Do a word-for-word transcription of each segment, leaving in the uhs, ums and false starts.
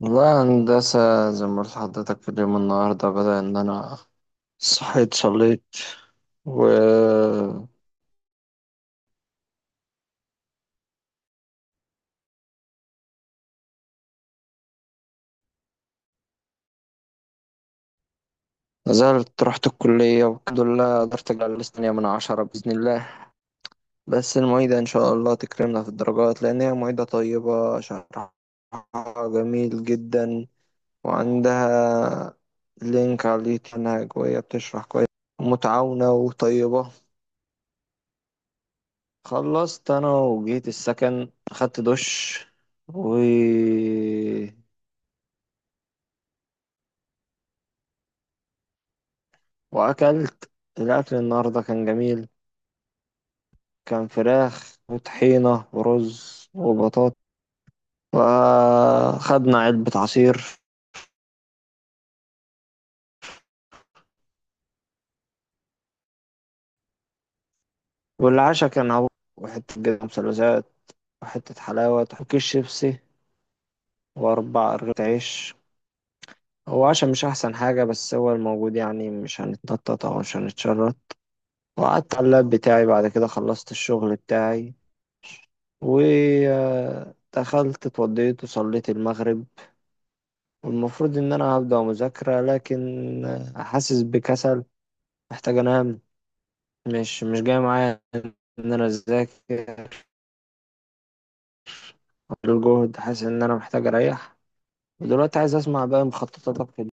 والله يا هندسة، زي ما قلت لحضرتك في اليوم. النهاردة بدأ إن أنا صحيت، صليت، ونزلت، رحت الكلية والحمد لله قدرت أجيب على تانية من عشرة بإذن الله. بس المعيدة إن شاء الله تكرمنا في الدرجات، لأن هي معيدة طيبة، شرحها جميل جدا، وعندها لينك على اليوتيوب إنها جوية، بتشرح كويس ومتعاونة وطيبة. خلصت انا وجيت السكن، اخدت دش و... واكلت. الاكل النهارده كان جميل، كان فراخ وطحينه ورز وبطاطا، وخدنا علبه عصير. والعشاء كان عبوط وحته جبنه مثلثات وحته حلاوه وكيس شيبسي واربع رغيف عيش. هو عشاء مش احسن حاجه، بس هو الموجود، يعني مش هنتنطط او مش هنتشرط. وقعدت على اللاب بتاعي، بعد كده خلصت الشغل بتاعي، ودخلت اتوضيت وصليت المغرب. والمفروض ان انا هبدأ مذاكرة، لكن آه، حاسس بكسل، محتاج انام. مش مش جاي معايا ان انا اذاكر، الجهد، حاسس ان انا محتاج اريح. ودلوقتي عايز اسمع بقى مخططاتك في-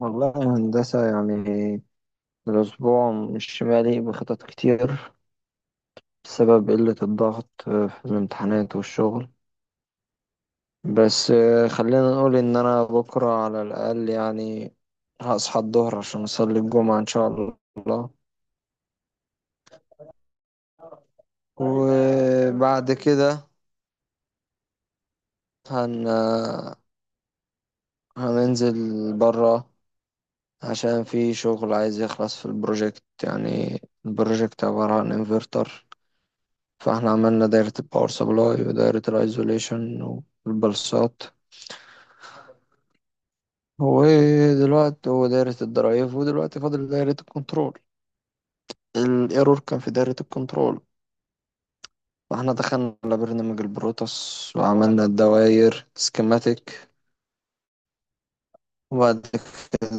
والله يا هندسة، يعني الأسبوع مش مالي بخطط كتير بسبب قلة الضغط آه، في الامتحانات والشغل. بس آه، خلينا نقول ان انا بكرة على الاقل، يعني هصحى الظهر عشان اصلي الجمعة ان شاء الله. وبعد كده هن آه، هننزل برا، عشان في شغل عايز يخلص في البروجكت، يعني البروجكت عبارة عن انفرتر. فاحنا عملنا دايرة الباور سبلاي ودايرة الايزوليشن والبلصات، ودلوقتي ودايرة الدرايف، ودلوقتي فاضل دايرة الكنترول. الايرور كان في دايرة الكنترول، فاحنا دخلنا على برنامج البروتوس وعملنا الدوائر سكيماتيك، وبعد كده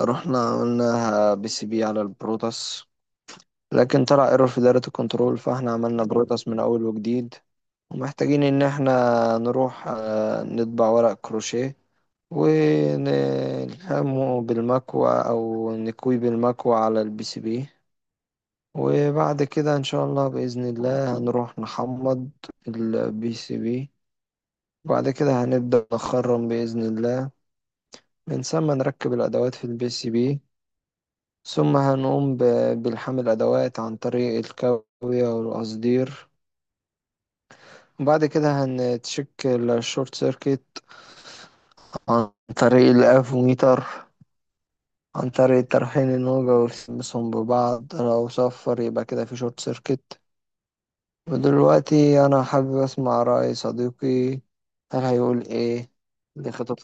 رحنا عملنا بي سي بي على البروتوس. لكن طلع ايرور في دايرة الكنترول، فاحنا عملنا بروتوس من اول وجديد. ومحتاجين ان احنا نروح آه، نطبع ورق كروشيه ونلحمه بالمكوى او نكويه بالمكوى على البي سي بي. وبعد كده ان شاء الله باذن الله هنروح نحمض البي سي بي، وبعد كده هنبدأ نخرم بإذن الله، من ثم نركب الأدوات في البي سي بي. ثم هنقوم ب- بالحمل الأدوات عن طريق الكاوية والقصدير. وبعد كده هنتشك الشورت سيركت عن طريق الأفوميتر، عن طريق ترحيل الموجة وتلمسهم ببعض، لو صفر يبقى كده في شورت سيركت. ودلوقتي أنا حابب أسمع رأي صديقي، هل هيقول إيه لخطط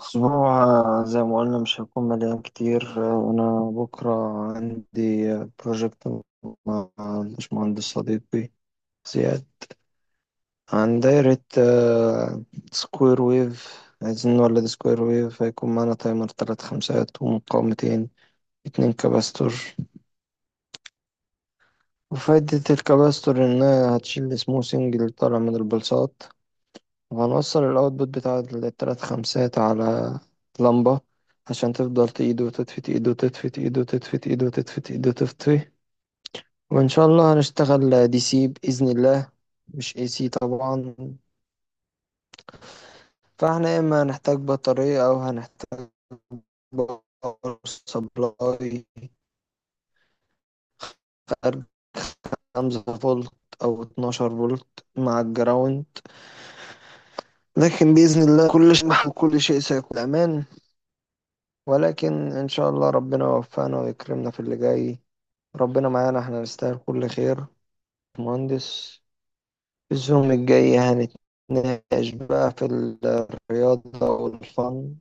أسبوع. آه، زي ما قلنا مش هيكون مليان كتير. آه، أنا بكرة عندي بروجكت مع الباشمهندس صديقي زياد عن دايرة سكوير ويف، عايزين نولد سكوير ويف. هيكون معانا تايمر تلات خمسات ومقاومتين اتنين كباستور. وفايدة الكباستور إنها هتشيل السموثنج اللي طالع من البلصات. وهنوصل الاوتبوت بتاع التلات خمسات على لمبة، عشان تفضل تقيد وتطفي ايد، وتطفي ايد، وتطفي ايد، وتطفي ايد، وتطفي. وان شاء الله هنشتغل دي سي بإذن الله، مش اي سي طبعا. فاحنا يا اما هنحتاج بطارية او هنحتاج باور سبلاي، فأرجع خمسة فولت أو اتناشر فولت مع الجراوند. لكن بإذن الله كل شيء وكل شيء سيكون أمان، ولكن إن شاء الله ربنا يوفقنا ويكرمنا في اللي جاي. ربنا معانا، احنا نستاهل كل خير. مهندس، الزوم الجاي هنتناقش بقى في الرياضة والفن.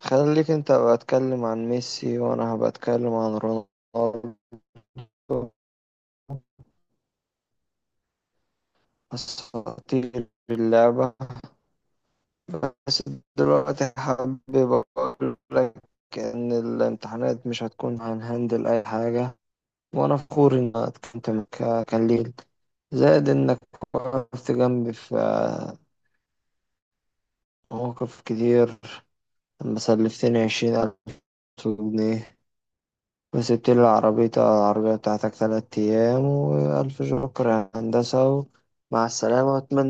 خليك انت بقى اتكلم عن ميسي، وانا هبقى اتكلم عن رونالدو، اساطير اللعبة. بس دلوقتي حابب اقول لك ان الامتحانات مش هتكون، هنهندل اي حاجة. وانا فخور ان أنا اتكلمت معاك، كان ليل، زائد انك وقفت جنبي في مواقف كتير، لما سلفتني عشرين ألف جنيه، وسبت لي العربية العربية بتاعتك تلات أيام. وألف شكر يا هندسة، ومع السلامة، وأتمنى